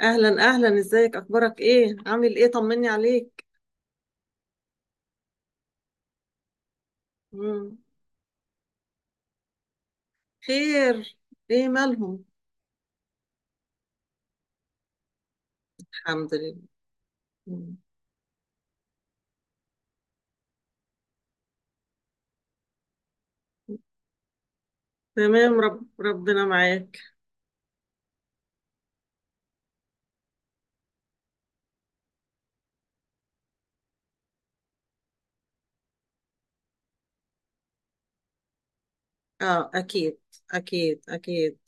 اهلا اهلا، ازيك؟ اخبارك ايه؟ عامل ايه؟ طمني عليك. مم. خير؟ ايه مالهم؟ الحمد لله. مم. تمام، ربنا معاك. اه، اكيد، اكيد، اكيد.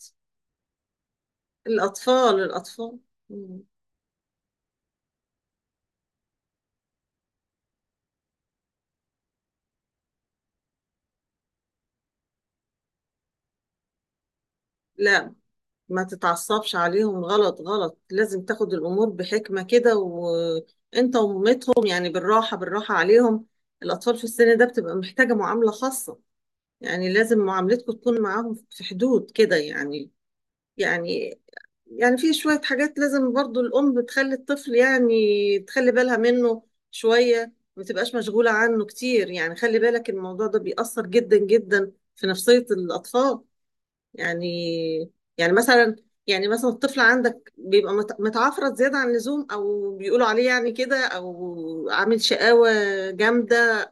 الاطفال، الاطفال. مم. لا، ما تتعصبش عليهم، غلط غلط. لازم تاخد الامور بحكمة كده، وانت ومامتهم يعني بالراحة بالراحة عليهم. الاطفال في السن ده بتبقى محتاجة معاملة خاصة. يعني لازم معاملتكم تكون معاهم في حدود كده، يعني. يعني. يعني في شوية حاجات لازم برضو الأم بتخلي الطفل، يعني تخلي بالها منه. شوية ما تبقاش مشغولة عنه كتير، يعني خلي بالك، الموضوع ده بيأثر جدا جدا في نفسية الأطفال. يعني. يعني مثلا. يعني مثلا الطفل عندك بيبقى متعفرت زيادة عن اللزوم، أو بيقولوا عليه يعني كده، أو عامل شقاوة جامدة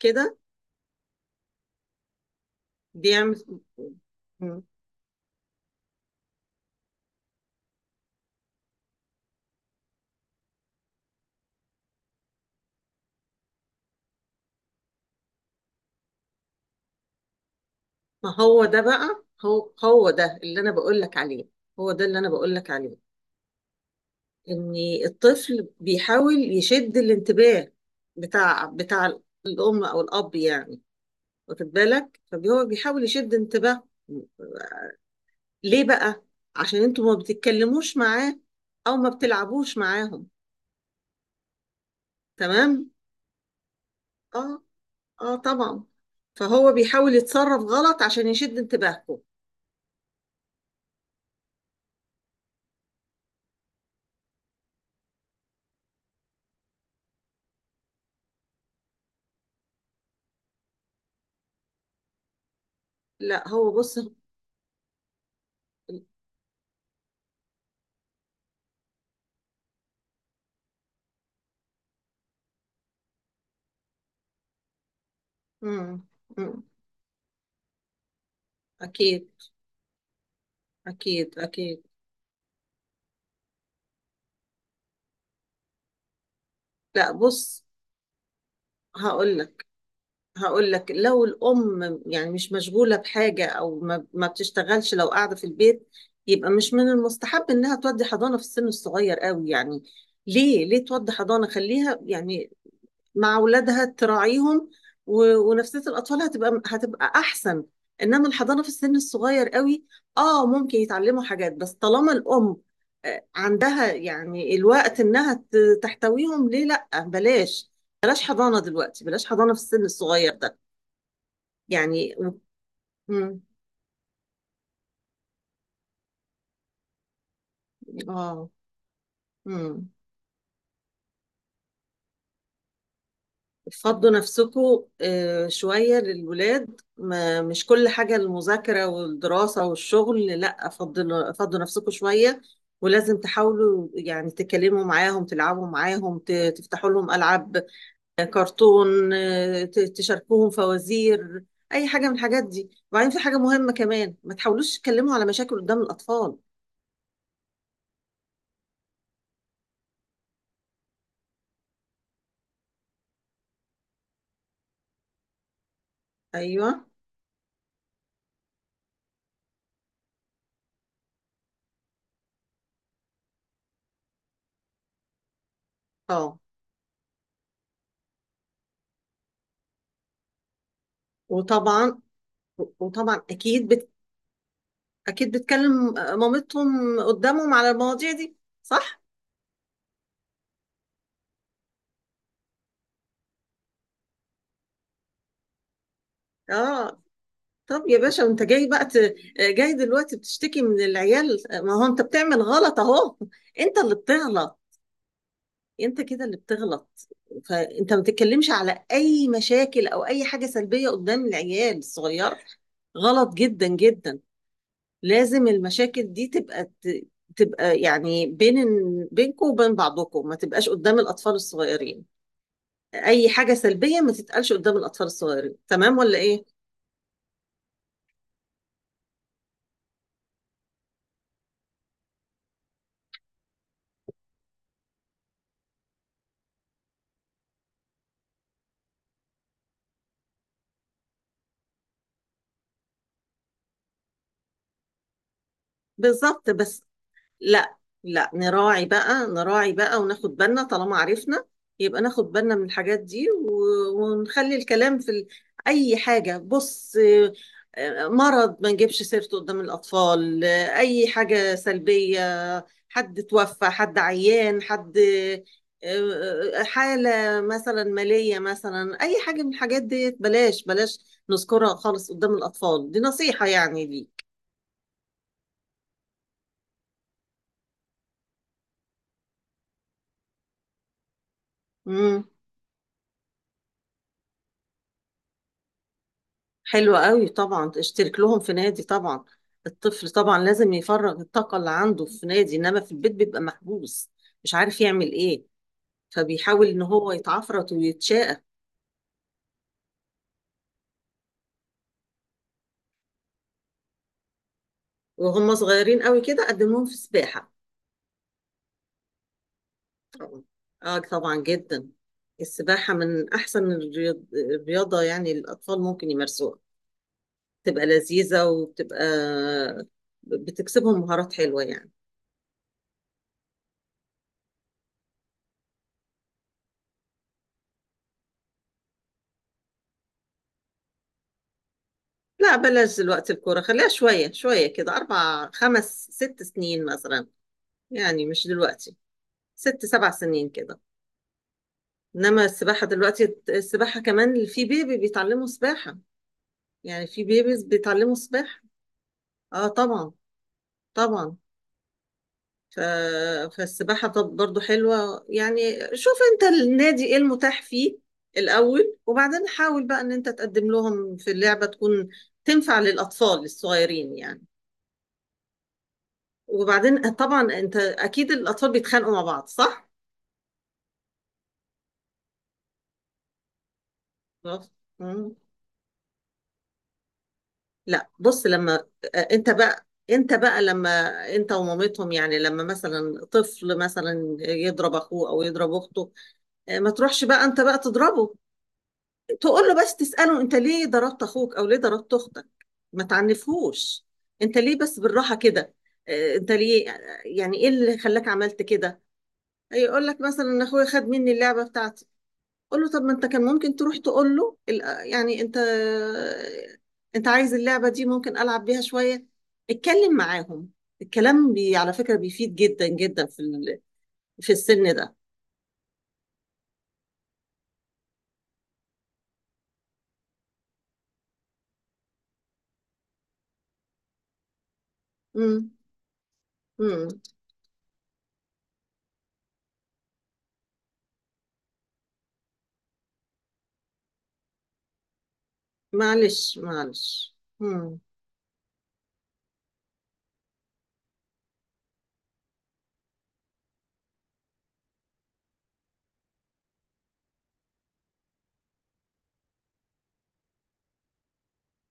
كده. بيعمل. ما هو ده بقى، هو ده اللي أنا بقول لك عليه. هو ده اللي أنا بقول لك عليه. ان الطفل بيحاول يشد الانتباه بتاع الام او الاب، يعني. واخد بالك؟ فهو بيحاول يشد انتباه. ليه بقى؟ عشان انتوا ما بتتكلموش معاه، او ما بتلعبوش معاهم. تمام. اه، اه طبعا. فهو بيحاول يتصرف غلط عشان يشد انتباهكم. لا، هو بص. مم. مم. اكيد، اكيد، اكيد. لا، بص هقول لك. هقول لك لو الأم يعني مش مشغولة بحاجة، أو ما بتشتغلش، لو قاعدة في البيت، يبقى مش من المستحب إنها تودي حضانة في السن الصغير قوي، يعني. ليه تودي حضانة؟ خليها يعني مع أولادها تراعيهم ونفسية الأطفال هتبقى أحسن. إنما الحضانة في السن الصغير قوي، ممكن يتعلموا حاجات، بس طالما الأم عندها يعني الوقت إنها تحتويهم. ليه؟ لأ، بلاش. بلاش حضانة دلوقتي، بلاش حضانة في السن الصغير ده، يعني. امم. اه، امم. فضوا نفسكم شوية للولاد. ما مش كل حاجة المذاكرة والدراسة والشغل. لا، فضوا نفسكم شوية. ولازم تحاولوا يعني تكلموا معاهم، تلعبوا معاهم، تفتحوا لهم ألعاب، كرتون، تشاركوهم فوازير، أي حاجة من الحاجات دي. وبعدين في حاجة مهمة كمان، ما تحاولوش تتكلموا على مشاكل قدام الأطفال. أيوه. اه وطبعا، وطبعا أكيد. اكيد بتكلم مامتهم قدامهم على المواضيع دي، صح؟ اه. طب يا باشا، وانت جاي بقى جاي دلوقتي بتشتكي من العيال؟ ما هو انت بتعمل غلط اهو. انت اللي بتغلط. انت كده اللي بتغلط. فانت ما تتكلمش على اي مشاكل او اي حاجة سلبية قدام العيال الصغير. غلط جدا جدا. لازم المشاكل دي تبقى تبقى يعني بينكم وبين بعضكم، ما تبقاش قدام الاطفال الصغيرين. اي حاجه سلبيه ما تتقالش قدام الاطفال الصغيرين، تمام ولا ايه؟ بالظبط، بس. لا. لا، نراعي بقى، نراعي بقى، وناخد بالنا، طالما عرفنا يبقى ناخد بالنا من الحاجات دي ونخلي الكلام في أي حاجة. بص مرض ما نجيبش سيرته قدام الأطفال، أي حاجة سلبية، حد توفى، حد عيان، حد حالة مثلا مالية، مثلا أي حاجة من الحاجات دي، بلاش بلاش نذكرها خالص قدام الأطفال. دي نصيحة يعني ليك. مم. حلو قوي طبعا، اشترك لهم في نادي، طبعا. الطفل طبعا لازم يفرغ الطاقة اللي عنده في نادي، انما في البيت بيبقى محبوس، مش عارف يعمل ايه، فبيحاول ان هو يتعفرط ويتشاقى. وهم صغيرين قوي كده، قدمهم في سباحة. طبعا. اه طبعا جدا. السباحة من احسن الرياضة يعني الاطفال ممكن يمارسوها، بتبقى لذيذة وبتبقى بتكسبهم مهارات حلوة، يعني. لا، بلاش دلوقتي الكورة، خليها شوية شوية كده، 4 5 6 سنين مثلا، يعني مش دلوقتي، 6 7 سنين كده. إنما السباحة دلوقتي، السباحة كمان في بيبي بيتعلموا سباحة، يعني في بيبيز بيتعلموا سباحة. آه طبعا، طبعا. ف... فالسباحة طب برضو حلوة، يعني. شوف أنت النادي إيه المتاح فيه الأول، وبعدين حاول بقى إن أنت تقدم لهم في اللعبة تكون تنفع للأطفال الصغيرين، يعني. وبعدين طبعا انت اكيد الاطفال بيتخانقوا مع بعض، صح؟ خلاص. مم. لا، بص لما انت بقى لما انت ومامتهم يعني، لما مثلا طفل مثلا يضرب اخوه او يضرب اخته، ما تروحش بقى انت بقى تضربه، تقول له بس تسأله: انت ليه ضربت اخوك او ليه ضربت اختك؟ ما تعنفهوش. انت ليه بس، بالراحة كده، انت ليه، يعني ايه اللي خلاك عملت كده؟ هيقول لك مثلا ان اخويا خد مني اللعبة بتاعتي. قول له: طب ما انت كان ممكن تروح تقول له يعني انت عايز اللعبة دي، ممكن ألعب بيها شوية. اتكلم معاهم. الكلام على فكرة بيفيد جدا جدا في السن ده. امم، امم. معلش، معلش. امم.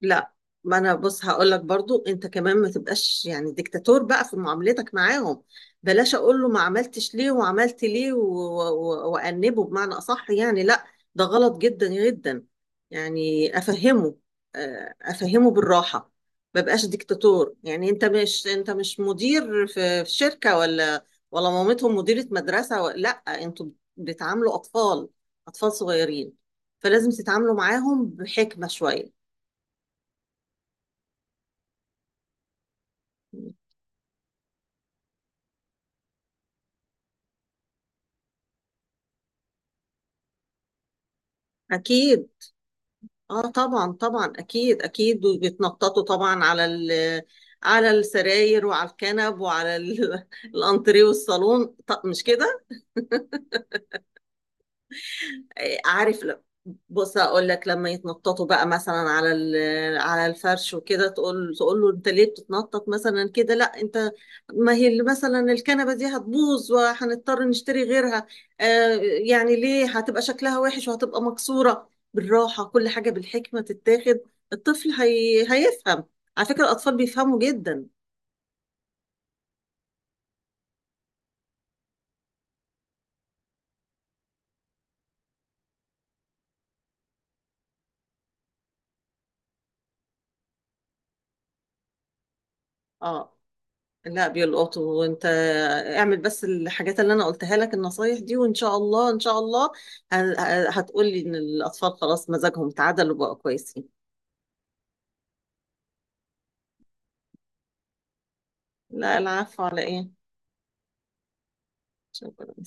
لا، ما انا، بص هقول لك برضو، انت كمان ما تبقاش يعني ديكتاتور بقى في معاملتك معاهم. بلاش اقول له ما عملتش ليه وعملت ليه وانبه بمعنى اصح، يعني لا، ده غلط جدا جدا. يعني افهمه، افهمه بالراحة. ما بقاش ديكتاتور، يعني انت مش مدير في شركة، ولا مامتهم مديرة مدرسة لا. انتوا بتعاملوا اطفال، اطفال صغيرين، فلازم تتعاملوا معاهم بحكمة شوية. أكيد. آه طبعا، طبعا، أكيد، أكيد، وبيتنططوا طبعا على السراير وعلى الكنب وعلى الأنتريه والصالون، مش كده؟ عارف بص اقول لك لما يتنططوا بقى مثلا على على الفرش وكده، تقول له: انت ليه بتتنطط مثلا كده؟ لا انت، ما هي اللي مثلا الكنبه دي هتبوظ وهنضطر نشتري غيرها. آه، يعني ليه هتبقى شكلها وحش وهتبقى مكسوره. بالراحه كل حاجه بالحكمه تتاخد. الطفل هيفهم. على فكره الاطفال بيفهموا جدا. اه، لا بيلقطوا. وانت اعمل بس الحاجات اللي انا قلتها لك، النصايح دي، وان شاء الله، ان شاء الله، هتقولي ان الاطفال خلاص مزاجهم تعدل وبقوا كويسين. لا، العفو، على ايه؟ شكرا.